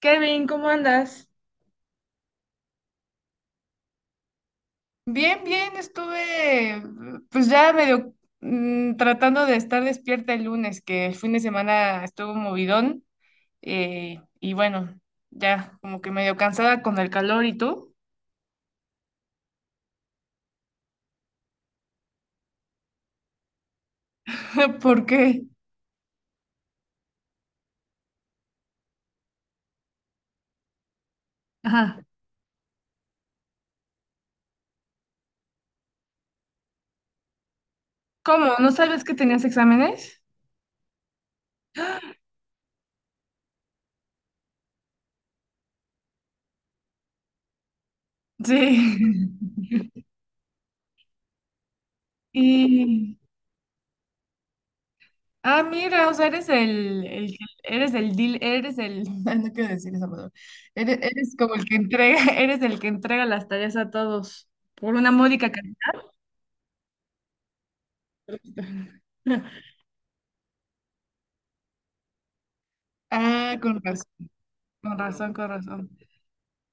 Kevin, ¿cómo andas? Bien, bien, estuve pues ya medio tratando de estar despierta el lunes, que el fin de semana estuvo movidón, y bueno, ya como que medio cansada con el calor y tú. ¿Por qué? Ajá. ¿Cómo? ¿No sabes que tenías exámenes? Sí. ¿Y, Ah, mira, o sea, eres el, eres el deal, ay, no quiero decir esa palabra, eres como el que entrega, eres el que entrega las tareas a todos por una módica cantidad. Ah, con razón, con razón, con razón.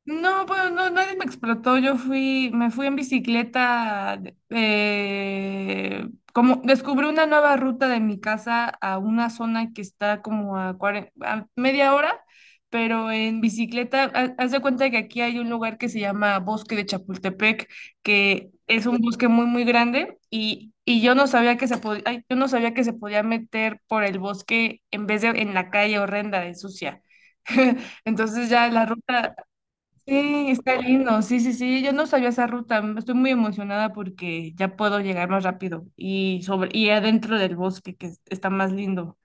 No, pues no, nadie me explotó. Me fui en bicicleta. Como descubrí una nueva ruta de mi casa a una zona que está como a media hora, pero en bicicleta. Haz de cuenta que aquí hay un lugar que se llama Bosque de Chapultepec, que es un bosque muy, muy grande y yo no sabía que se podía, yo no sabía que se podía meter por el bosque en vez de en la calle horrenda de sucia. Entonces ya la ruta. Sí, está lindo. Sí, sí, sí. Yo no sabía esa ruta. Estoy muy emocionada porque ya puedo llegar más rápido y sobre y adentro del bosque que está más lindo.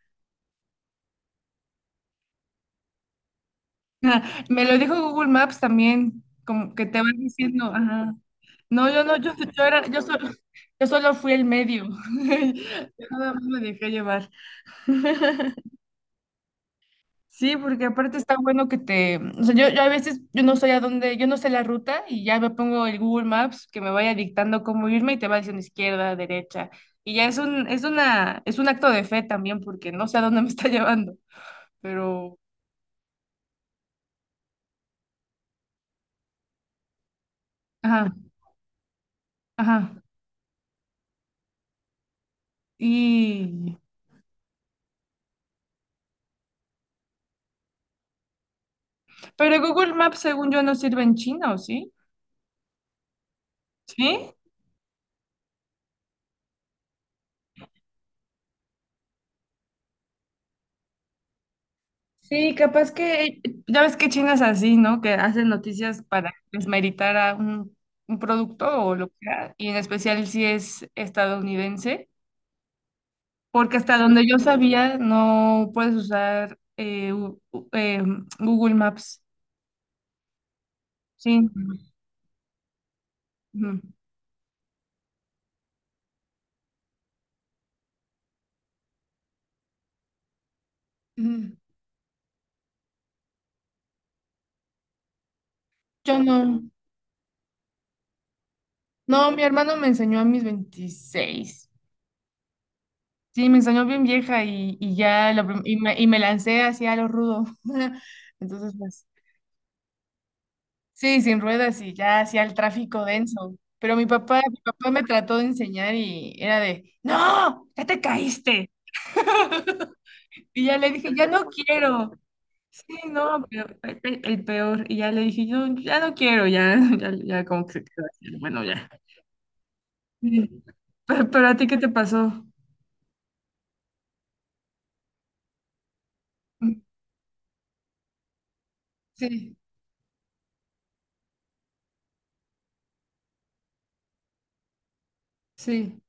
Me lo dijo Google Maps también, como que te van diciendo, ajá. No, yo no, yo solo fui el medio. Yo nada más me dejé llevar. Sí, porque aparte está bueno que te, o sea, yo a veces yo no sé a dónde, yo no sé la ruta y ya me pongo el Google Maps que me vaya dictando cómo irme y te va diciendo izquierda, derecha. Y ya es un acto de fe también porque no sé a dónde me está llevando, pero, ajá, ajá. Y, pero Google Maps según yo no sirve en chino, ¿sí? ¿Sí? Sí, capaz que, ya ves que China es así, ¿no? Que hacen noticias para desmeritar a un producto o lo que sea, y en especial si es estadounidense, porque hasta donde yo sabía no puedes usar Google Maps. Sí. Ujú. Ujú. Yo no. No, mi hermano me enseñó a mis 26. Sí, me enseñó bien vieja y ya la prim- y me lancé hacia lo rudo. Entonces, pues. Sí, sin ruedas y ya hacía el tráfico denso. Pero mi papá me trató de enseñar y era de, no, ya te caíste. Y ya le dije, ya no quiero. Sí, no, pero fue el peor. Y ya le dije, yo ya no quiero, ya, ya, ya como que se quedó así, bueno, ya. Sí. Pero a ti, ¿qué te pasó? Sí, sí.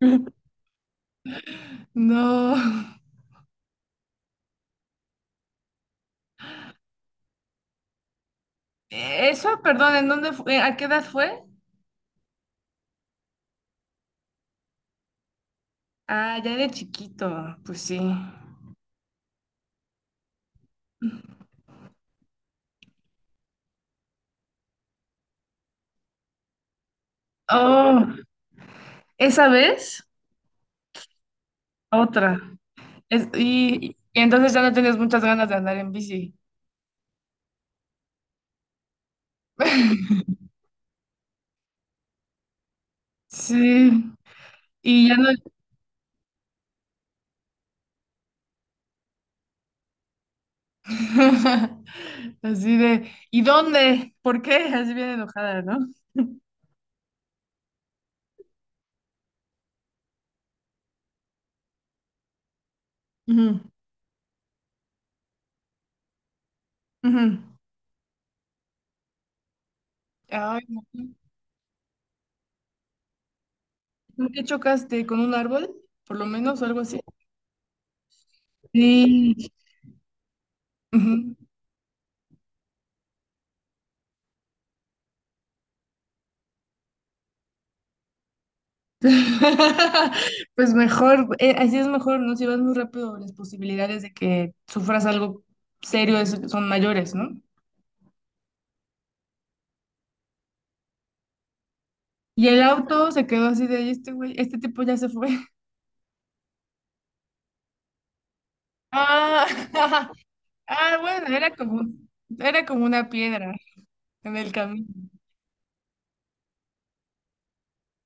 No. Eso, perdón, ¿en dónde fue? ¿A qué edad fue? Ah, ya de chiquito, pues sí. Oh. Esa vez, otra. Y entonces ya no tienes muchas ganas de andar en bici. Sí. Y ya no. Así de, ¿y dónde? ¿Por qué? Así bien enojada, ¿no? Ujú, ujú. Ay, no. ¿Por qué chocaste con un árbol? Por lo menos, o algo así. Sí. Ujú. Pues mejor, así es mejor, ¿no? Si vas muy rápido, las posibilidades de que sufras algo serio son mayores, ¿no? Y el auto se quedó así de: "¿Y este güey, este tipo ya se fue?" Ah, ah, bueno, era como una piedra en el camino.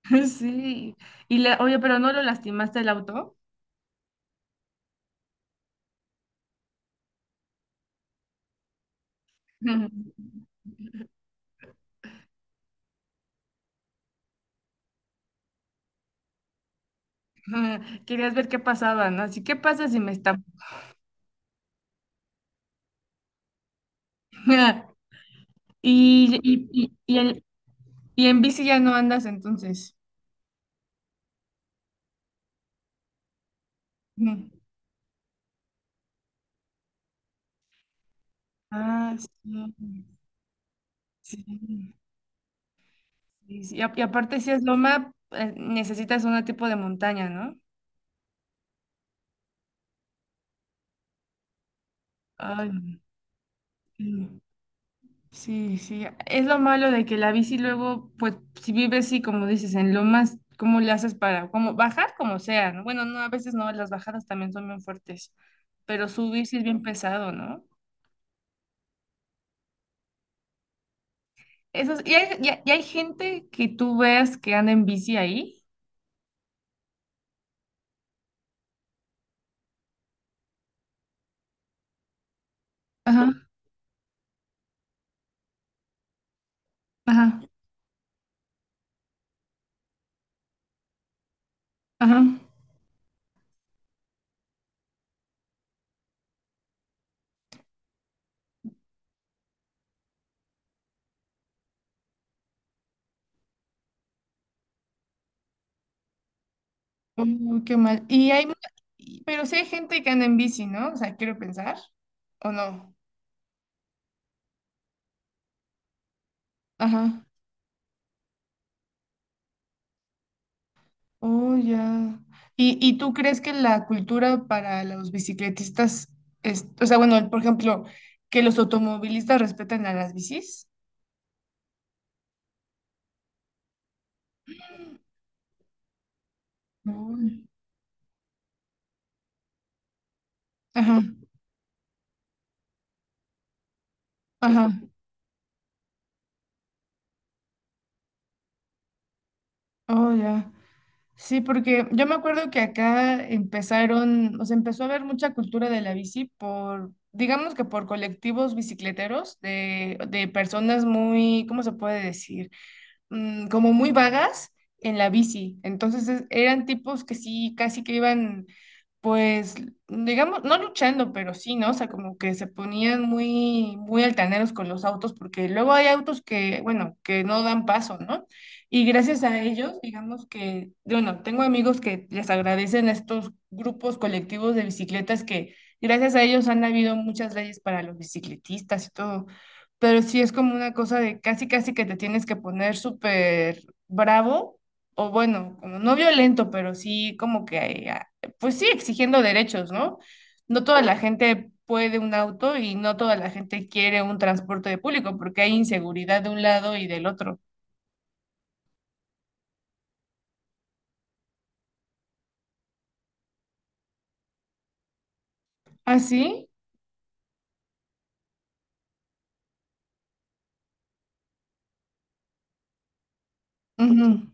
Sí. Oye, pero no lo lastimaste el auto. Querías ver qué pasaba, ¿no? Así, ¿qué pasa si me está? Y, y, y, y en, y en bici ya no andas entonces. Ujú. Ah, sí. Sí, sí, sí. Y aparte, si es loma, necesitas un tipo de montaña, ¿no? Ay, no. Sí, sí, es lo malo de que la bici luego, pues, si vives, sí, como dices, en lomas, ¿cómo le haces para, como, bajar como sea? ¿No? Bueno, no, a veces no, las bajadas también son bien fuertes, pero subir sí es bien pesado, ¿no? Eso es- y hay, y hay- y hay gente que tú veas que anda en bici ahí. Ajá, ajá, ajá. Uy, qué mal. Pero sí hay gente que anda en bici, ¿no? O sea, quiero pensar, ¿o no? Ajá. Oh, ya. ¿Y tú crees que la cultura para los bicicletistas es, o sea, bueno, por ejemplo, que los automovilistas respeten a las bicis? Uy. Ajá, ajá. Oh, ya. Sí, porque yo me acuerdo que acá o sea, empezó a haber mucha cultura de la bici por, digamos que por colectivos bicicleteros de personas muy, ¿cómo se puede decir? Como muy vagas en la bici. Entonces eran tipos que sí, casi que iban, pues, digamos, no luchando, pero sí, ¿no? O sea, como que se ponían muy, muy altaneros con los autos, porque luego hay autos que, bueno, que no dan paso, ¿no? Y gracias a ellos, digamos que, bueno, tengo amigos que les agradecen a estos grupos colectivos de bicicletas que gracias a ellos han habido muchas leyes para los bicicletistas y todo, pero sí es como una cosa de casi, casi que te tienes que poner súper bravo, o bueno, como no violento, pero sí como que, pues sí, exigiendo derechos, ¿no? No toda la gente puede un auto y no toda la gente quiere un transporte de público porque hay inseguridad de un lado y del otro. ¿Ah, sí? Ujú,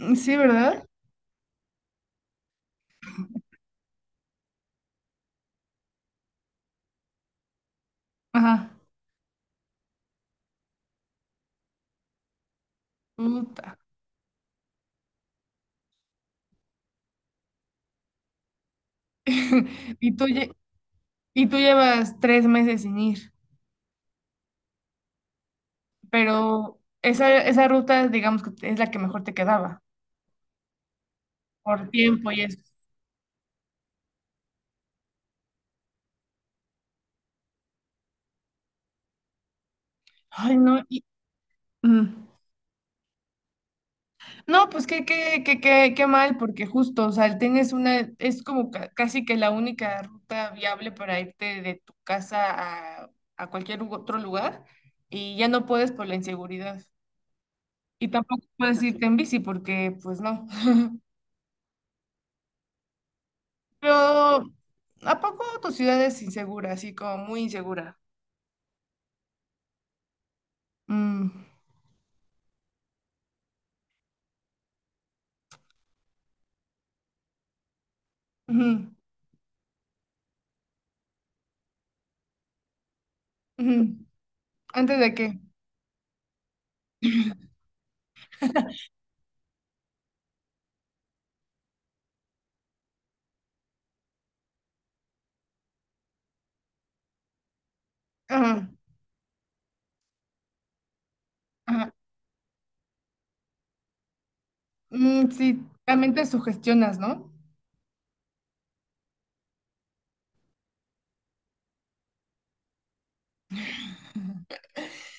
ujú. Sí, ¿verdad? Ajá. Puta. Y tú, lle- y tú llevas 3 meses sin ir. Pero esa ruta, digamos que es la que mejor te quedaba por tiempo y eso. Ay, no, mm. No, pues qué, mal, porque justo, o sea, el tren es como casi que la única ruta viable para irte de tu casa a, cualquier otro lugar y ya no puedes por la inseguridad. Y tampoco puedes irte en bici porque, pues no. Pero, ¿a poco tu ciudad es insegura, así como muy insegura? Mm, ujú, ujú. ¿Antes de qué? Ajá, ajá. Mm, sí, también te sugestionas, ¿no?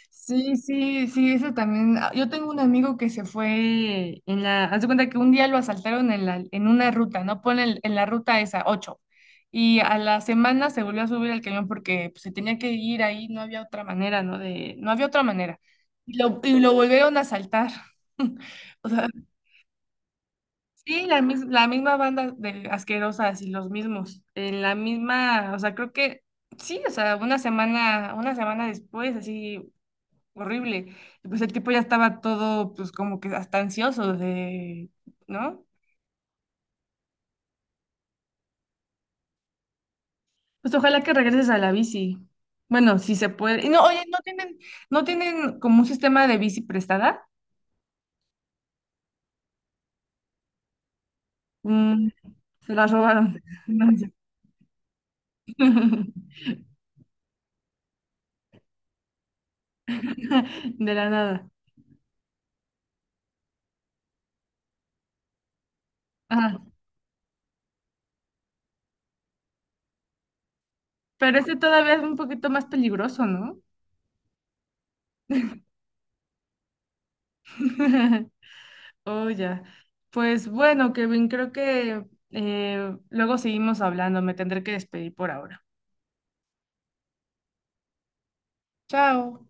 Sí, sí, sí, eso también. Ah, yo tengo un amigo que se fue en la, haz de cuenta que un día lo asaltaron en una ruta, ¿no? En la ruta esa, ocho. Y a la semana se volvió a subir al camión porque pues, se tenía que ir ahí, no había otra manera, ¿no? No había otra manera. Y lo volvieron a asaltar. O sea, sí, la misma banda de asquerosas y los mismos, en la misma, o sea, creo que sí, o sea, una semana después, así horrible, y pues el tipo ya estaba todo, pues como que hasta ansioso de, ¿no? Pues ojalá que regreses a la bici. Bueno, si se puede. Y no, oye, no tienen como un sistema de bici prestada. Mm, se la robaron. No, ya. De la nada. Ajá. Pero este todavía es un poquito más peligroso, ¿no? Oh, ya. Pues bueno, Kevin, creo que luego seguimos hablando. Me tendré que despedir por ahora. Chao.